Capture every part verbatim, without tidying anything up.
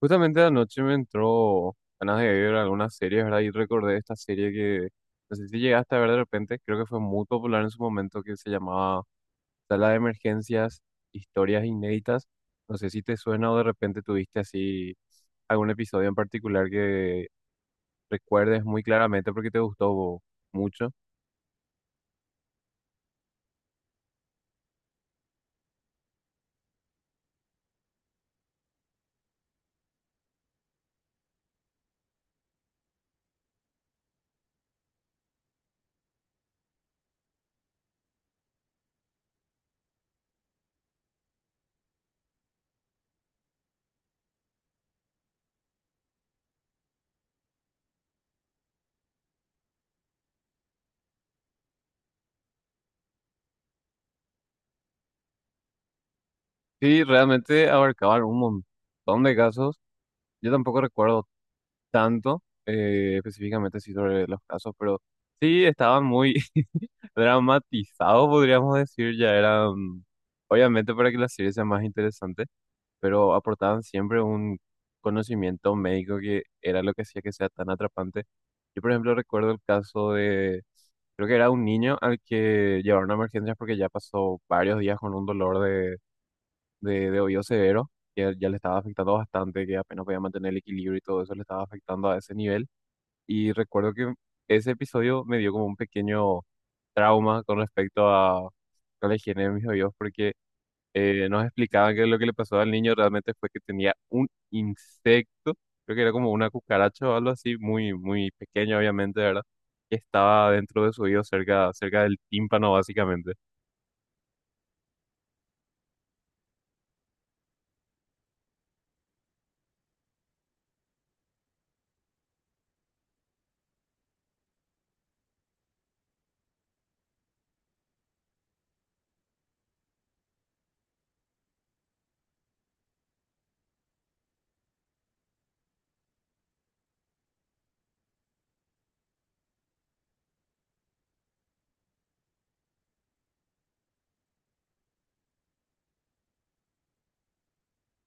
Justamente anoche me entró ganas de ver algunas series, ¿verdad? Y recordé esta serie que no sé si llegaste a ver de repente, creo que fue muy popular en su momento, que se llamaba Sala de Emergencias, Historias Inéditas. No sé si te suena o de repente tuviste así algún episodio en particular que recuerdes muy claramente porque te gustó mucho. Sí, realmente abarcaban un montón de casos. Yo tampoco recuerdo tanto eh, específicamente sí sobre los casos, pero sí estaban muy dramatizados, podríamos decir, ya eran, obviamente para que la serie sea más interesante, pero aportaban siempre un conocimiento médico que era lo que hacía que sea tan atrapante. Yo, por ejemplo, recuerdo el caso de, creo que era un niño al que llevaron a emergencias porque ya pasó varios días con un dolor de, de, de oído severo, que ya le estaba afectando bastante, que apenas podía mantener el equilibrio y todo eso le estaba afectando a ese nivel. Y recuerdo que ese episodio me dio como un pequeño trauma con respecto a, a la higiene de mis oídos, porque eh, nos explicaban que lo que le pasó al niño realmente fue que tenía un insecto, creo que era como una cucaracha o algo así, muy, muy pequeño, obviamente, ¿verdad? Que estaba dentro de su oído, cerca, cerca del tímpano, básicamente.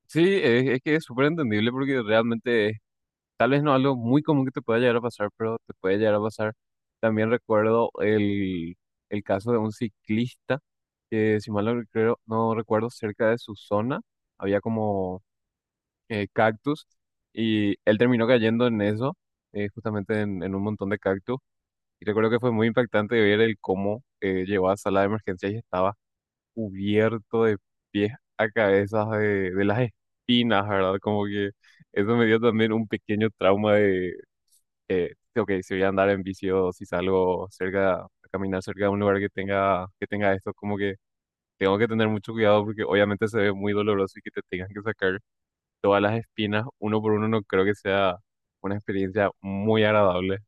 Sí, es, es que es súper entendible porque realmente tal vez no algo muy común que te pueda llegar a pasar, pero te puede llegar a pasar. También recuerdo el, el caso de un ciclista que, si mal no recuerdo, no recuerdo, cerca de su zona había como eh, cactus y él terminó cayendo en eso, eh, justamente en, en un montón de cactus. Y recuerdo que fue muy impactante ver el cómo eh, llegó a sala de emergencia y estaba cubierto de pies a cabezas de, de las espinas, ¿verdad? Como que eso me dio también un pequeño trauma de, eh, ok, si voy a andar en bici o si salgo cerca, a caminar cerca de un lugar que tenga, que tenga esto, como que tengo que tener mucho cuidado porque obviamente se ve muy doloroso y que te tengan que sacar todas las espinas uno por uno, no creo que sea una experiencia muy agradable.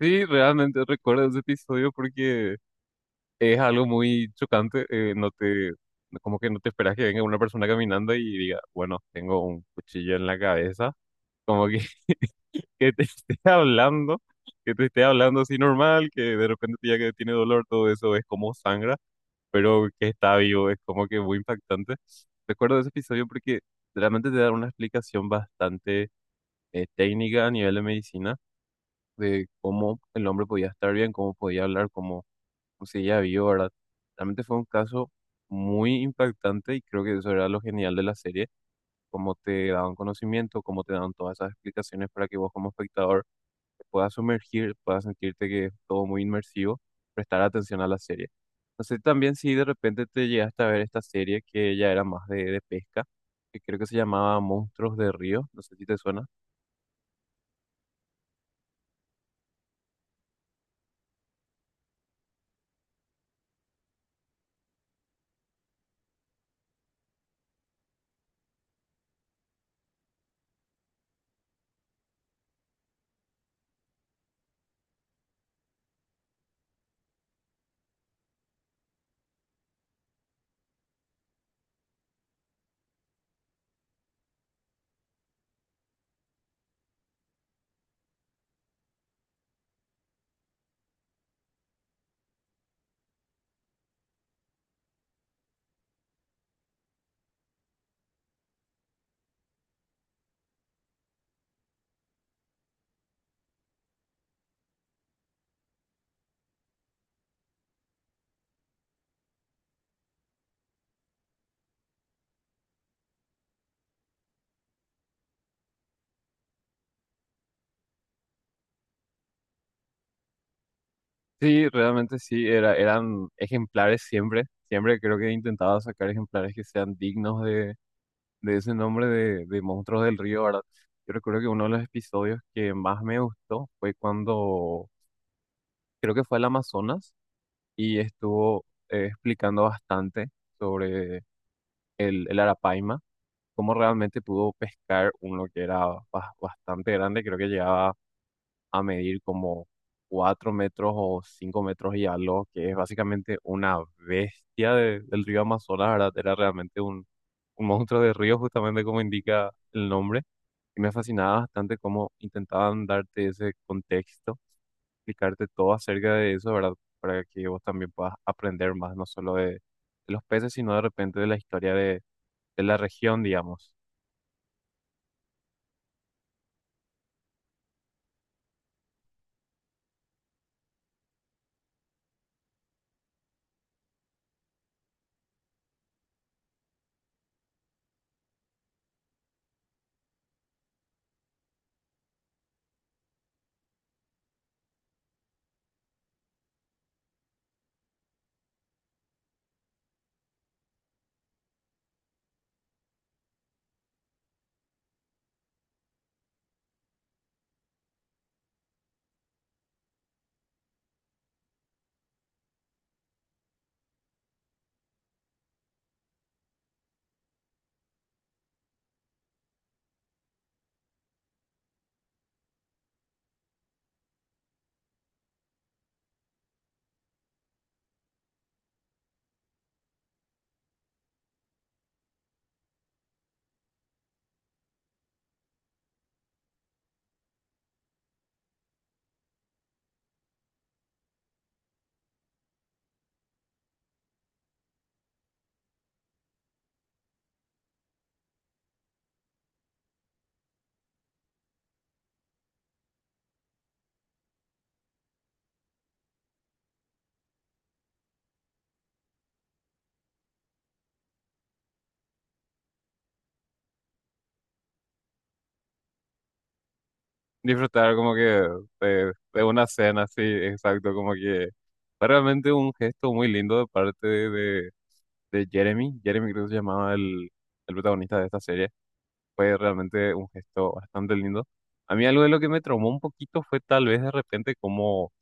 Sí, realmente recuerdo ese episodio porque es algo muy chocante, eh, no te, como que no te esperas que venga una persona caminando y diga, bueno, tengo un cuchillo en la cabeza, como que que te esté hablando, que te esté hablando así normal, que de repente ya que tiene dolor, todo eso es como sangra, pero que está vivo, es como que muy impactante. Recuerdo ese episodio porque realmente te da una explicación bastante eh, técnica a nivel de medicina de cómo el hombre podía estar bien, cómo podía hablar, cómo seguía vivo, ¿verdad? Realmente fue un caso muy impactante y creo que eso era lo genial de la serie, cómo te daban conocimiento, cómo te daban todas esas explicaciones para que vos como espectador te puedas sumergir, puedas sentirte que es todo muy inmersivo, prestar atención a la serie. No sé también si de repente te llegaste a ver esta serie que ya era más de, de pesca, que creo que se llamaba Monstruos de Río, no sé si te suena. Sí, realmente sí, era, eran ejemplares siempre, siempre creo que he intentado sacar ejemplares que sean dignos de, de ese nombre de, de Monstruos del Río, ¿verdad? Yo recuerdo que uno de los episodios que más me gustó fue cuando, creo que fue al Amazonas y estuvo eh, explicando bastante sobre el, el arapaima, cómo realmente pudo pescar uno que era bas- bastante grande, creo que llegaba a medir como cuatro metros o cinco metros y algo, que es básicamente una bestia de- del río Amazonas, ¿verdad? Era realmente un, un monstruo de río, justamente como indica el nombre. Y me fascinaba bastante cómo intentaban darte ese contexto explicarte todo acerca de eso, ¿verdad? Para que vos también puedas aprender más, no solo de, de los peces, sino de repente de la historia de, de la región, digamos. Disfrutar como que de, de una cena, sí, exacto, como que fue realmente un gesto muy lindo de parte de, de, de Jeremy. Jeremy creo que se llamaba el, el protagonista de esta serie. Fue realmente un gesto bastante lindo. A mí algo de lo que me traumó un poquito fue tal vez de repente como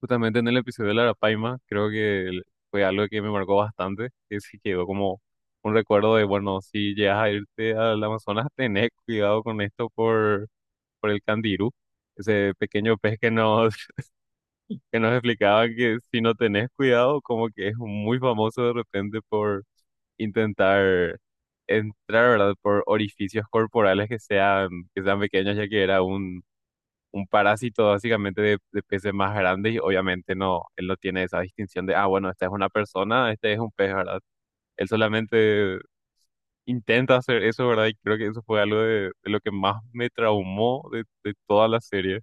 justamente en el episodio de la Arapaima, creo que el- fue algo que me marcó bastante, que sí quedó como un recuerdo de, bueno, si llegas a irte al Amazonas, tenés cuidado con esto por, por el candirú, ese pequeño pez que nos, que nos explicaba que si no tenés cuidado, como que es muy famoso de repente por intentar entrar, ¿verdad? Por orificios corporales que sean, que sean pequeños, ya que era un un parásito básicamente de, de peces más grandes y obviamente no, él no tiene esa distinción de, ah, bueno, esta es una persona, este es un pez, ¿verdad? Él solamente intenta hacer eso, ¿verdad? Y creo que eso fue algo de, de lo que más me traumó de, de toda la serie.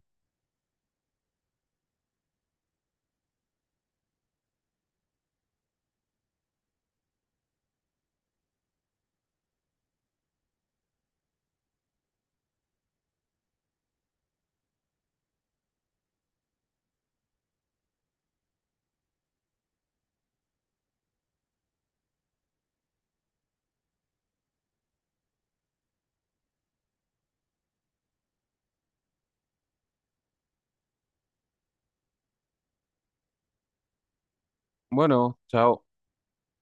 Bueno, chao.